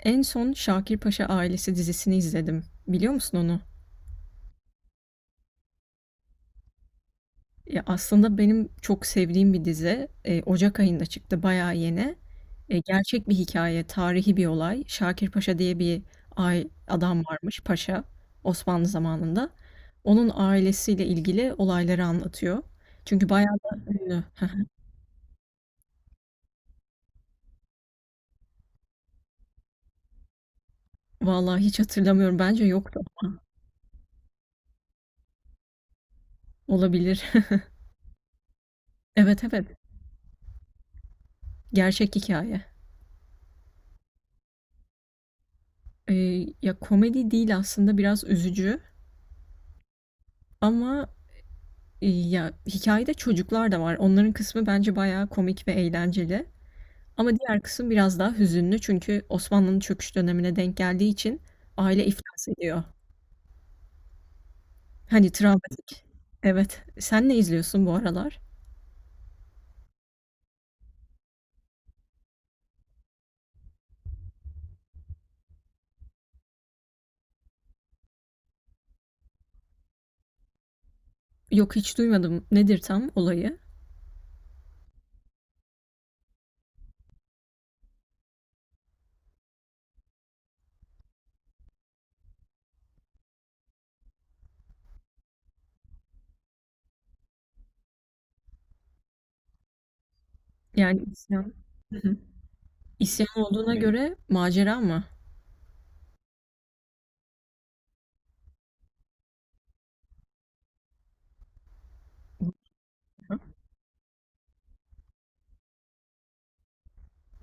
En son Şakir Paşa Ailesi dizisini izledim. Biliyor musun onu? Ya aslında benim çok sevdiğim bir dizi. Ocak ayında çıktı, bayağı yeni. Gerçek bir hikaye, tarihi bir olay. Şakir Paşa diye bir adam varmış, paşa Osmanlı zamanında. Onun ailesiyle ilgili olayları anlatıyor. Çünkü bayağı da ünlü. Vallahi hiç hatırlamıyorum. Bence yoktu ama olabilir. Evet, evet. Gerçek hikaye. E, Ya komedi değil aslında biraz üzücü. Ama ya, hikâyede çocuklar da var. Onların kısmı bence bayağı komik ve eğlenceli ama diğer kısım biraz daha hüzünlü çünkü Osmanlı'nın çöküş dönemine denk geldiği için aile iflas ediyor. Hani travmatik. Evet. Sen ne izliyorsun bu aralar? Yok, hiç duymadım. Nedir tam olayı? Yani isyan. İsyan olduğuna göre macera mı? Hı.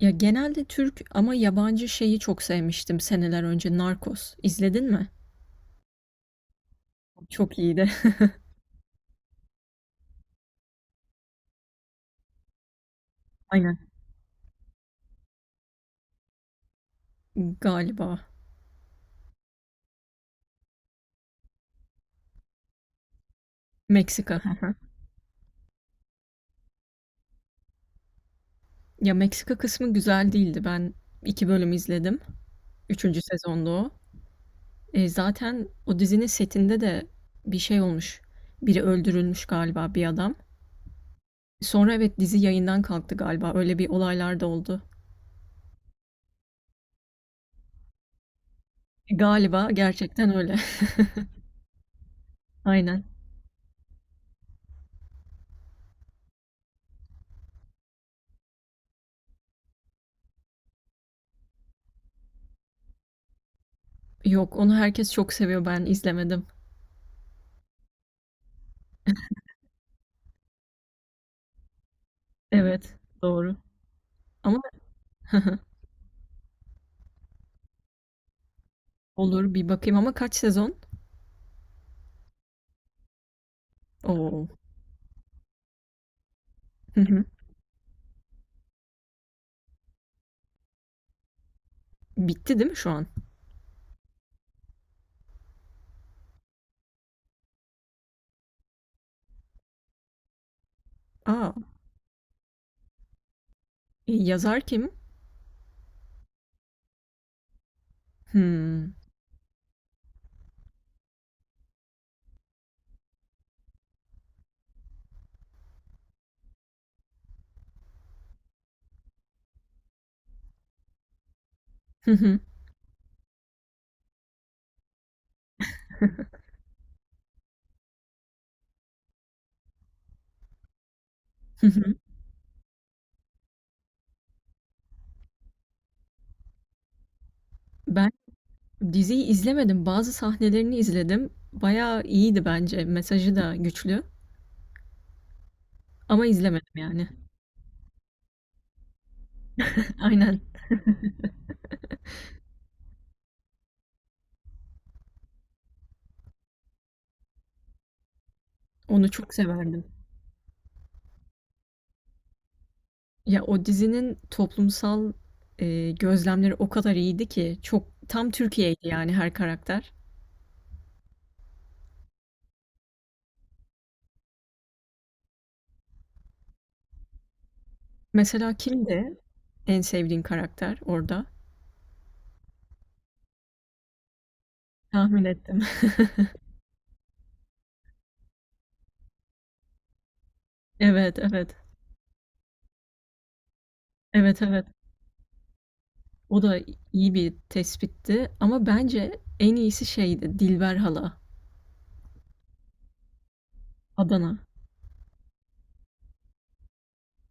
Ya, genelde Türk ama yabancı şeyi çok sevmiştim seneler önce, Narcos. İzledin mi? Çok iyiydi. Aynen. Galiba. Meksika. Ya, Meksika kısmı güzel değildi. Ben 2 bölüm izledim. Üçüncü sezonda o. Zaten o dizinin setinde de bir şey olmuş. Biri öldürülmüş galiba, bir adam. Sonra evet, dizi yayından kalktı galiba. Öyle bir olaylar da oldu. Galiba gerçekten öyle. Aynen. Yok, onu herkes çok seviyor. Ben izlemedim. Evet, doğru. Ama olur, bir bakayım ama kaç sezon? Oo. Hı hı. Bitti değil mi şu an? A! Yazar kim? Hımm. Hı hı. Hı hı. Ben diziyi izlemedim. Bazı sahnelerini izledim. Bayağı iyiydi bence. Mesajı da güçlü. Ama izlemedim yani. Aynen. Onu çok severdim. Ya o dizinin toplumsal gözlemleri o kadar iyiydi ki çok tam Türkiye'ydi yani her karakter. Mesela kimdi en sevdiğin karakter orada? Tahmin ettim. Evet, evet. Evet, evet. O da iyi bir tespitti ama bence en iyisi şeydi Dilber hala Adana.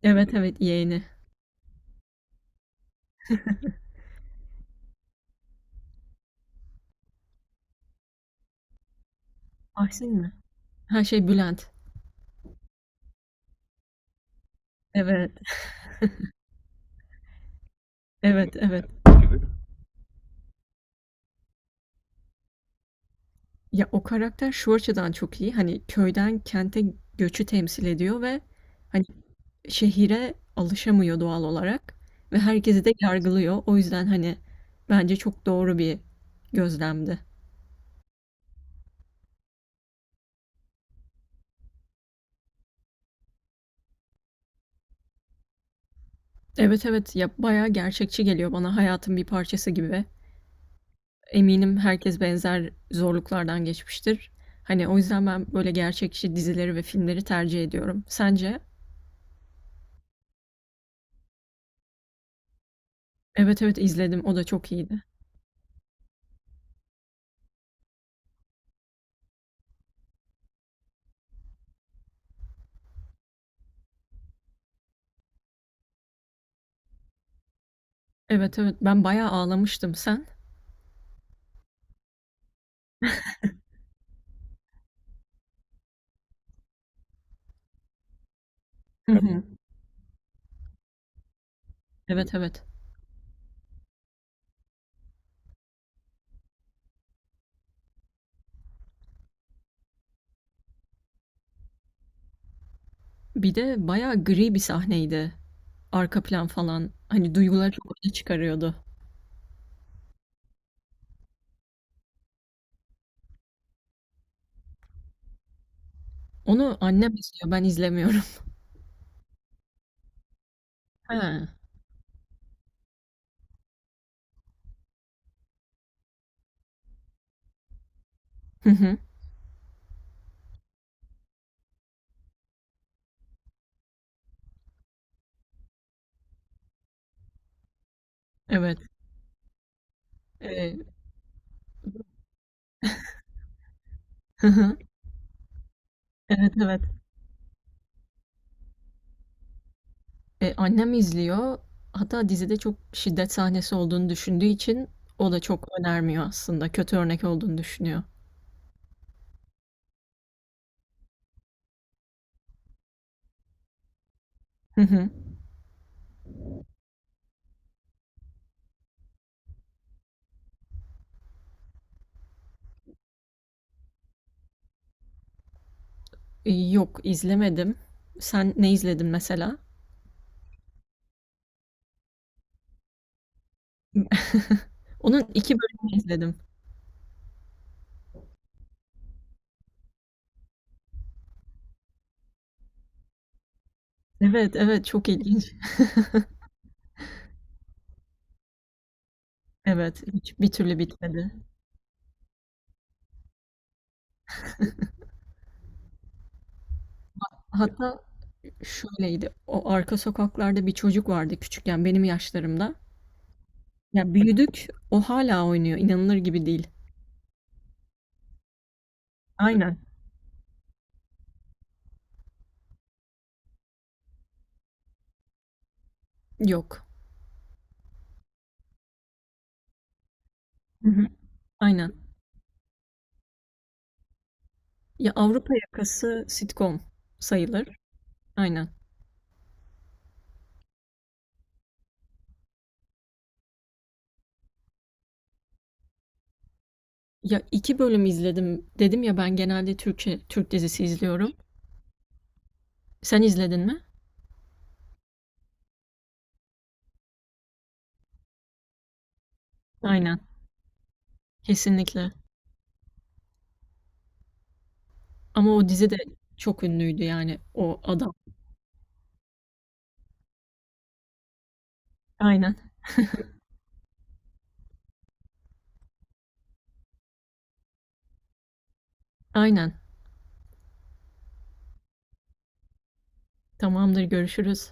Evet, evet yeğeni. Ahsin mi? Ha, şey Bülent. Evet, evet, evet. Gibi. Ya o karakter şu açıdan çok iyi. Hani köyden kente göçü temsil ediyor ve hani şehire alışamıyor doğal olarak ve herkesi de yargılıyor. O yüzden hani bence çok doğru bir gözlemdi. Evet, evet, ya bayağı gerçekçi geliyor bana hayatın bir parçası gibi. Eminim herkes benzer zorluklardan geçmiştir. Hani o yüzden ben böyle gerçekçi dizileri ve filmleri tercih ediyorum. Sence? Evet, evet izledim. O da çok iyiydi. Evet, evet. Ben bayağı ağlamıştım. Sen? Hı hı. Evet, evet. Bir de bayağı gri bir sahneydi. Arka plan falan. Hani duyguları çok öne çıkarıyordu. Onu annem izliyor, ben izlemiyorum. He. Hı hı. Evet. Eee, hı hı. Evet, evet. Annem izliyor. Hatta dizide çok şiddet sahnesi olduğunu düşündüğü için o da çok önermiyor aslında. Kötü örnek olduğunu düşünüyor. Hı hı. Yok, izlemedim. Sen ne izledin mesela? Onun 2 bölümünü izledim. Evet, evet, çok ilginç. Evet, hiç bir türlü bitmedi. Hatta şöyleydi, o arka sokaklarda bir çocuk vardı küçükken benim yaşlarımda. Ya büyüdük, o hala oynuyor, inanılır gibi değil. Aynen. Yok. Hı hı. Aynen. Ya Avrupa Yakası sitcom sayılır. Aynen. Ya iki bölüm izledim dedim ya ben genelde Türkçe Türk dizisi izliyorum. Sen izledin mi? Aynen. Kesinlikle. Ama o dizi de çok ünlüydü yani o adam. Aynen. Aynen. Tamamdır, görüşürüz.